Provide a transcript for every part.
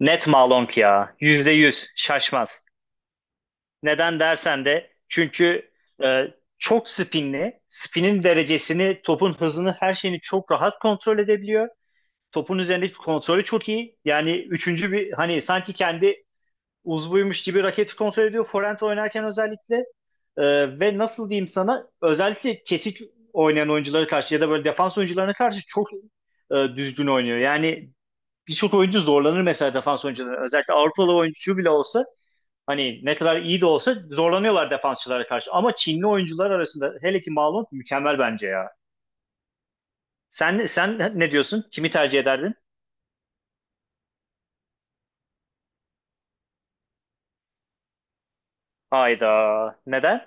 Net Malonk ya. %100. Şaşmaz. Neden dersen de çünkü e, çok spinli. Spinin derecesini, topun hızını, her şeyini çok rahat kontrol edebiliyor. Topun üzerindeki kontrolü çok iyi. Yani üçüncü bir hani sanki kendi uzvuymuş gibi raketi kontrol ediyor. Forehand oynarken özellikle ve nasıl diyeyim sana özellikle kesik oynayan oyunculara karşı ya da böyle defans oyuncularına karşı çok düzgün oynuyor. Yani birçok oyuncu zorlanır mesela defans oyuncuları. Özellikle Avrupalı oyuncu bile olsa hani ne kadar iyi de olsa zorlanıyorlar defansçılara karşı. Ama Çinli oyuncular arasında hele ki Malum mükemmel bence ya. Sen ne diyorsun? Kimi tercih ederdin? Hayda. Neden?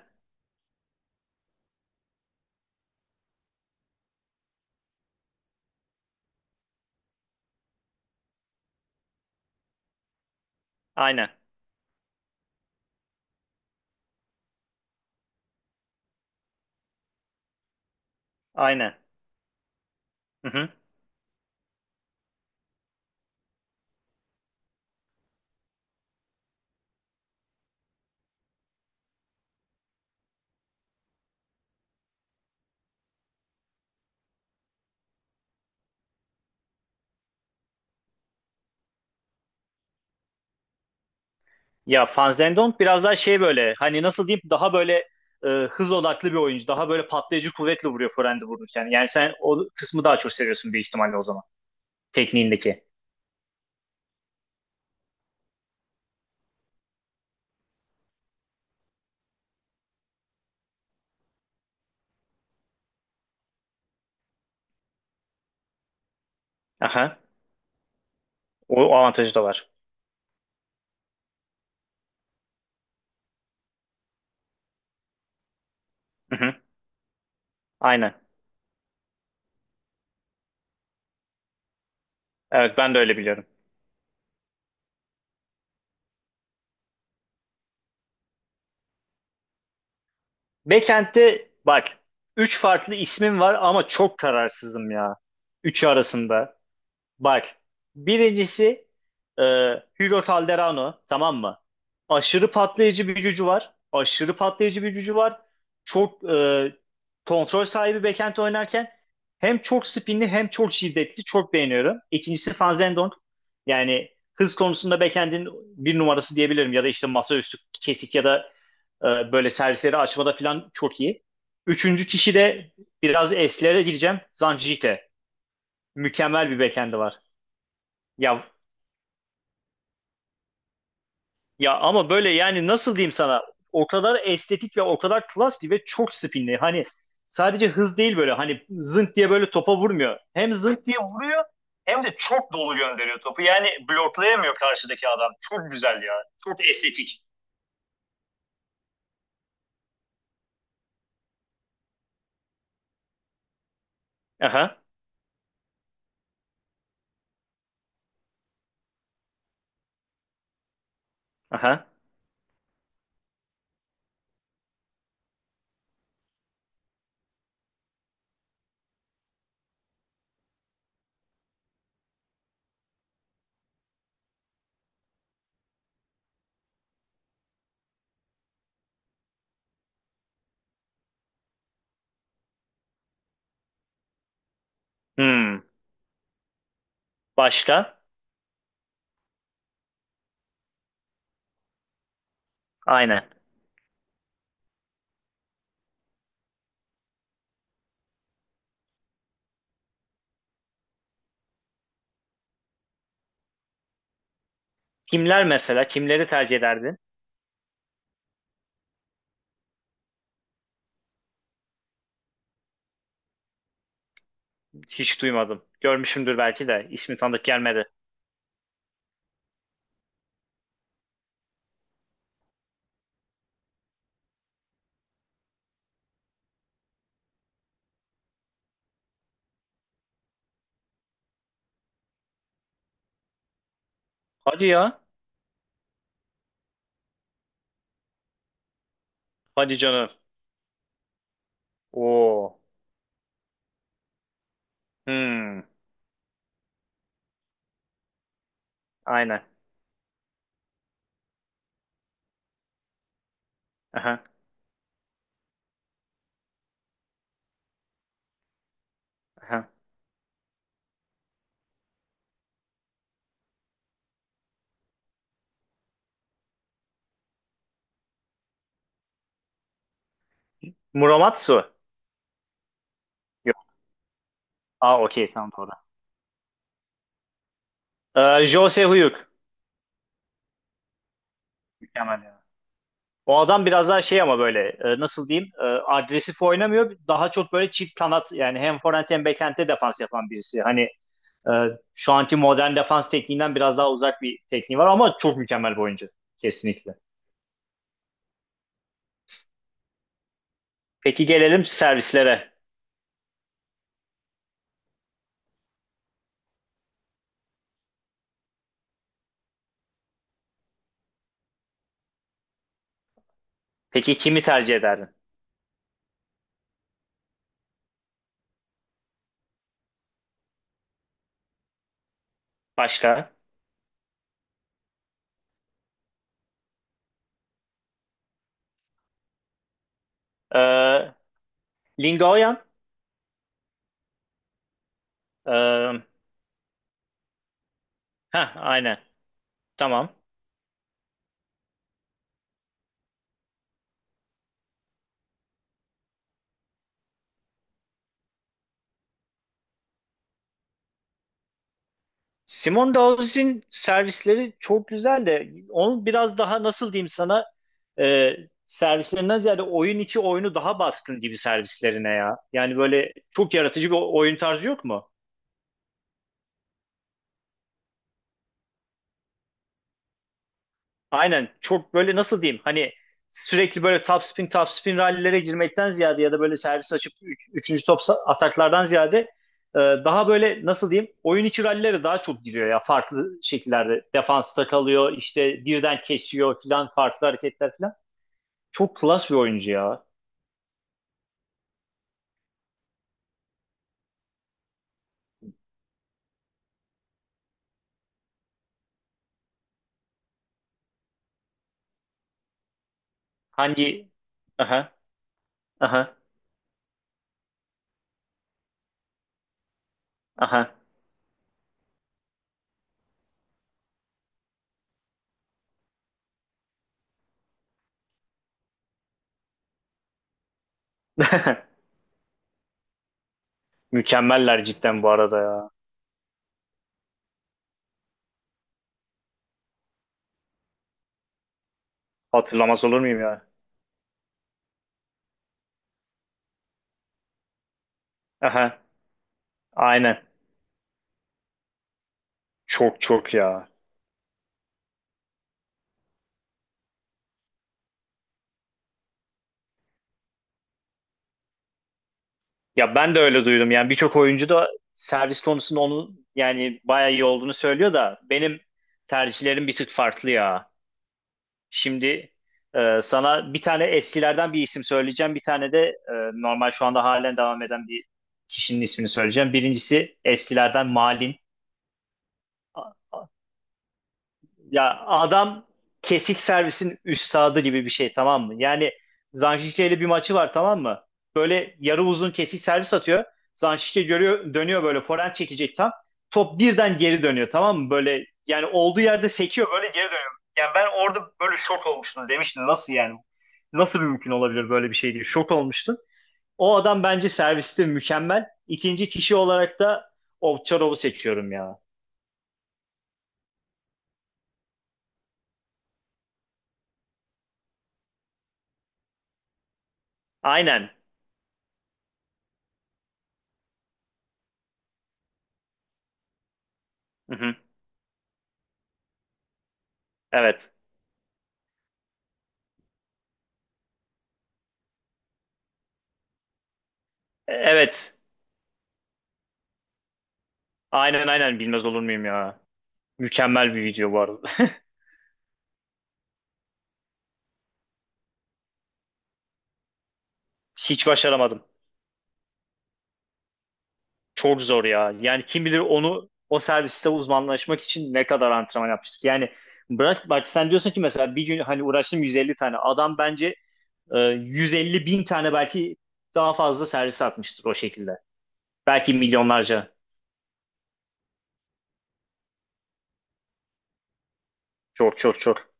Aynen. Aynen. Hı hı. Ya Van biraz daha şey böyle hani nasıl diyeyim daha böyle hız odaklı bir oyuncu. Daha böyle patlayıcı kuvvetle vuruyor forehand'i vururken. Yani sen o kısmı daha çok seviyorsun büyük ihtimalle o zaman. Tekniğindeki. Aha. O avantajı da var. Hı hı. Aynen. Evet ben de öyle biliyorum. Backend'de bak 3 farklı ismim var ama çok kararsızım ya. Üçü arasında. Bak birincisi e, Hugo Calderano tamam mı? Aşırı patlayıcı bir gücü var. Aşırı patlayıcı bir gücü var. Çok kontrol sahibi backend oynarken hem çok spinli hem çok şiddetli. Çok beğeniyorum. İkincisi Van Zendonk. Yani hız konusunda backend'in bir numarası diyebilirim. Ya da işte masaüstü kesik ya da böyle servisleri açmada falan çok iyi. Üçüncü kişi de biraz eslere gireceğim. Zanjite. Mükemmel bir bekendi var. Ya ya ama böyle yani nasıl diyeyim sana? O kadar estetik ve o kadar klasli ve çok spinli. Hani sadece hız değil böyle hani zınk diye böyle topa vurmuyor. Hem zınk diye vuruyor hem de çok dolu gönderiyor topu. Yani bloklayamıyor karşıdaki adam. Çok güzel ya. Çok estetik. Aha. Aha. Hmm. Başka? Aynen. Kimler mesela? Kimleri tercih ederdin? Hiç duymadım. Görmüşümdür belki de. İsmi tanıdık gelmedi. Hadi ya. Hadi canım. Oo. Hmm. Aynen. Aha. Aha. Muramatsu. Yok. Aa, okey, tamam, doğru. Jose Huyuk. Mükemmel ya. O adam biraz daha şey ama böyle nasıl diyeyim agresif oynamıyor. Daha çok böyle çift kanat yani hem forvent hem bekente defans yapan birisi. Hani e, şu anki modern defans tekniğinden biraz daha uzak bir tekniği var ama çok mükemmel bir oyuncu. Kesinlikle. Peki gelelim servislere. Peki kimi tercih ederdin? Başka? Ee, Lingoyan. Ee, heh, aynen. Tamam. Simone Dawes'in servisleri çok güzel de onun biraz daha nasıl diyeyim sana e, servislerinden ziyade oyun içi oyunu daha baskın gibi servislerine ya. Yani böyle çok yaratıcı bir oyun tarzı yok mu? Aynen, çok böyle nasıl diyeyim hani sürekli böyle topspin topspin rallilere girmekten ziyade ya da böyle servis açıp üçüncü top ataklardan ziyade daha böyle nasıl diyeyim oyun içi rallilere daha çok giriyor ya, farklı şekillerde defansta kalıyor, işte birden kesiyor filan, farklı hareketler filan. Çok klas bir oyuncu ya. Hangi? Aha. Aha. Aha. Mükemmeller cidden bu arada ya. Hatırlamaz olur muyum ya? Aha. Aynen. Çok çok ya. Ya ben de öyle duydum. Yani birçok oyuncu da servis konusunda onun yani bayağı iyi olduğunu söylüyor da benim tercihlerim bir tık farklı ya. Şimdi sana bir tane eskilerden bir isim söyleyeceğim. Bir tane de normal şu anda halen devam eden bir kişinin ismini söyleyeceğim. Birincisi eskilerden Malin. Ya adam kesik servisin üstadı gibi bir şey tamam mı? Yani Zanşişte ile bir maçı var tamam mı? Böyle yarı uzun kesik servis atıyor. Zanşişte görüyor, dönüyor, böyle forehand çekecek tam. Top birden geri dönüyor tamam mı? Böyle yani olduğu yerde sekiyor, böyle geri dönüyor. Yani ben orada böyle şok olmuştum, demiştim nasıl yani? Nasıl bir mümkün olabilir böyle bir şey diye şok olmuştum. O adam bence serviste mükemmel. İkinci kişi olarak da Ovçarov'u seçiyorum ya. Aynen. Hı hı. Evet. Evet. Aynen, aynen, bilmez olur muyum ya. Mükemmel bir video bu arada. Hiç başaramadım. Çok zor ya. Yani kim bilir onu o serviste uzmanlaşmak için ne kadar antrenman yapmıştık. Yani bırak, bak sen diyorsun ki mesela bir gün hani uğraştım 150 tane. Adam bence 150 bin tane belki daha fazla servis atmıştır o şekilde. Belki milyonlarca. Çok çok çok.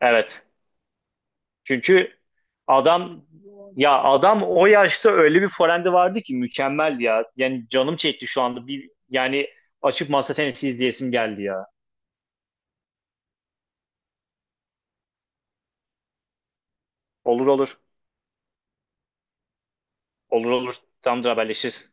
Evet. Çünkü adam, ya adam o yaşta öyle bir forehand'i vardı ki mükemmel ya. Yani canım çekti şu anda. Bir yani açıp masa tenisi izleyesim geldi ya. Olur olur. Olur olur. Tamamdır, haberleşiriz.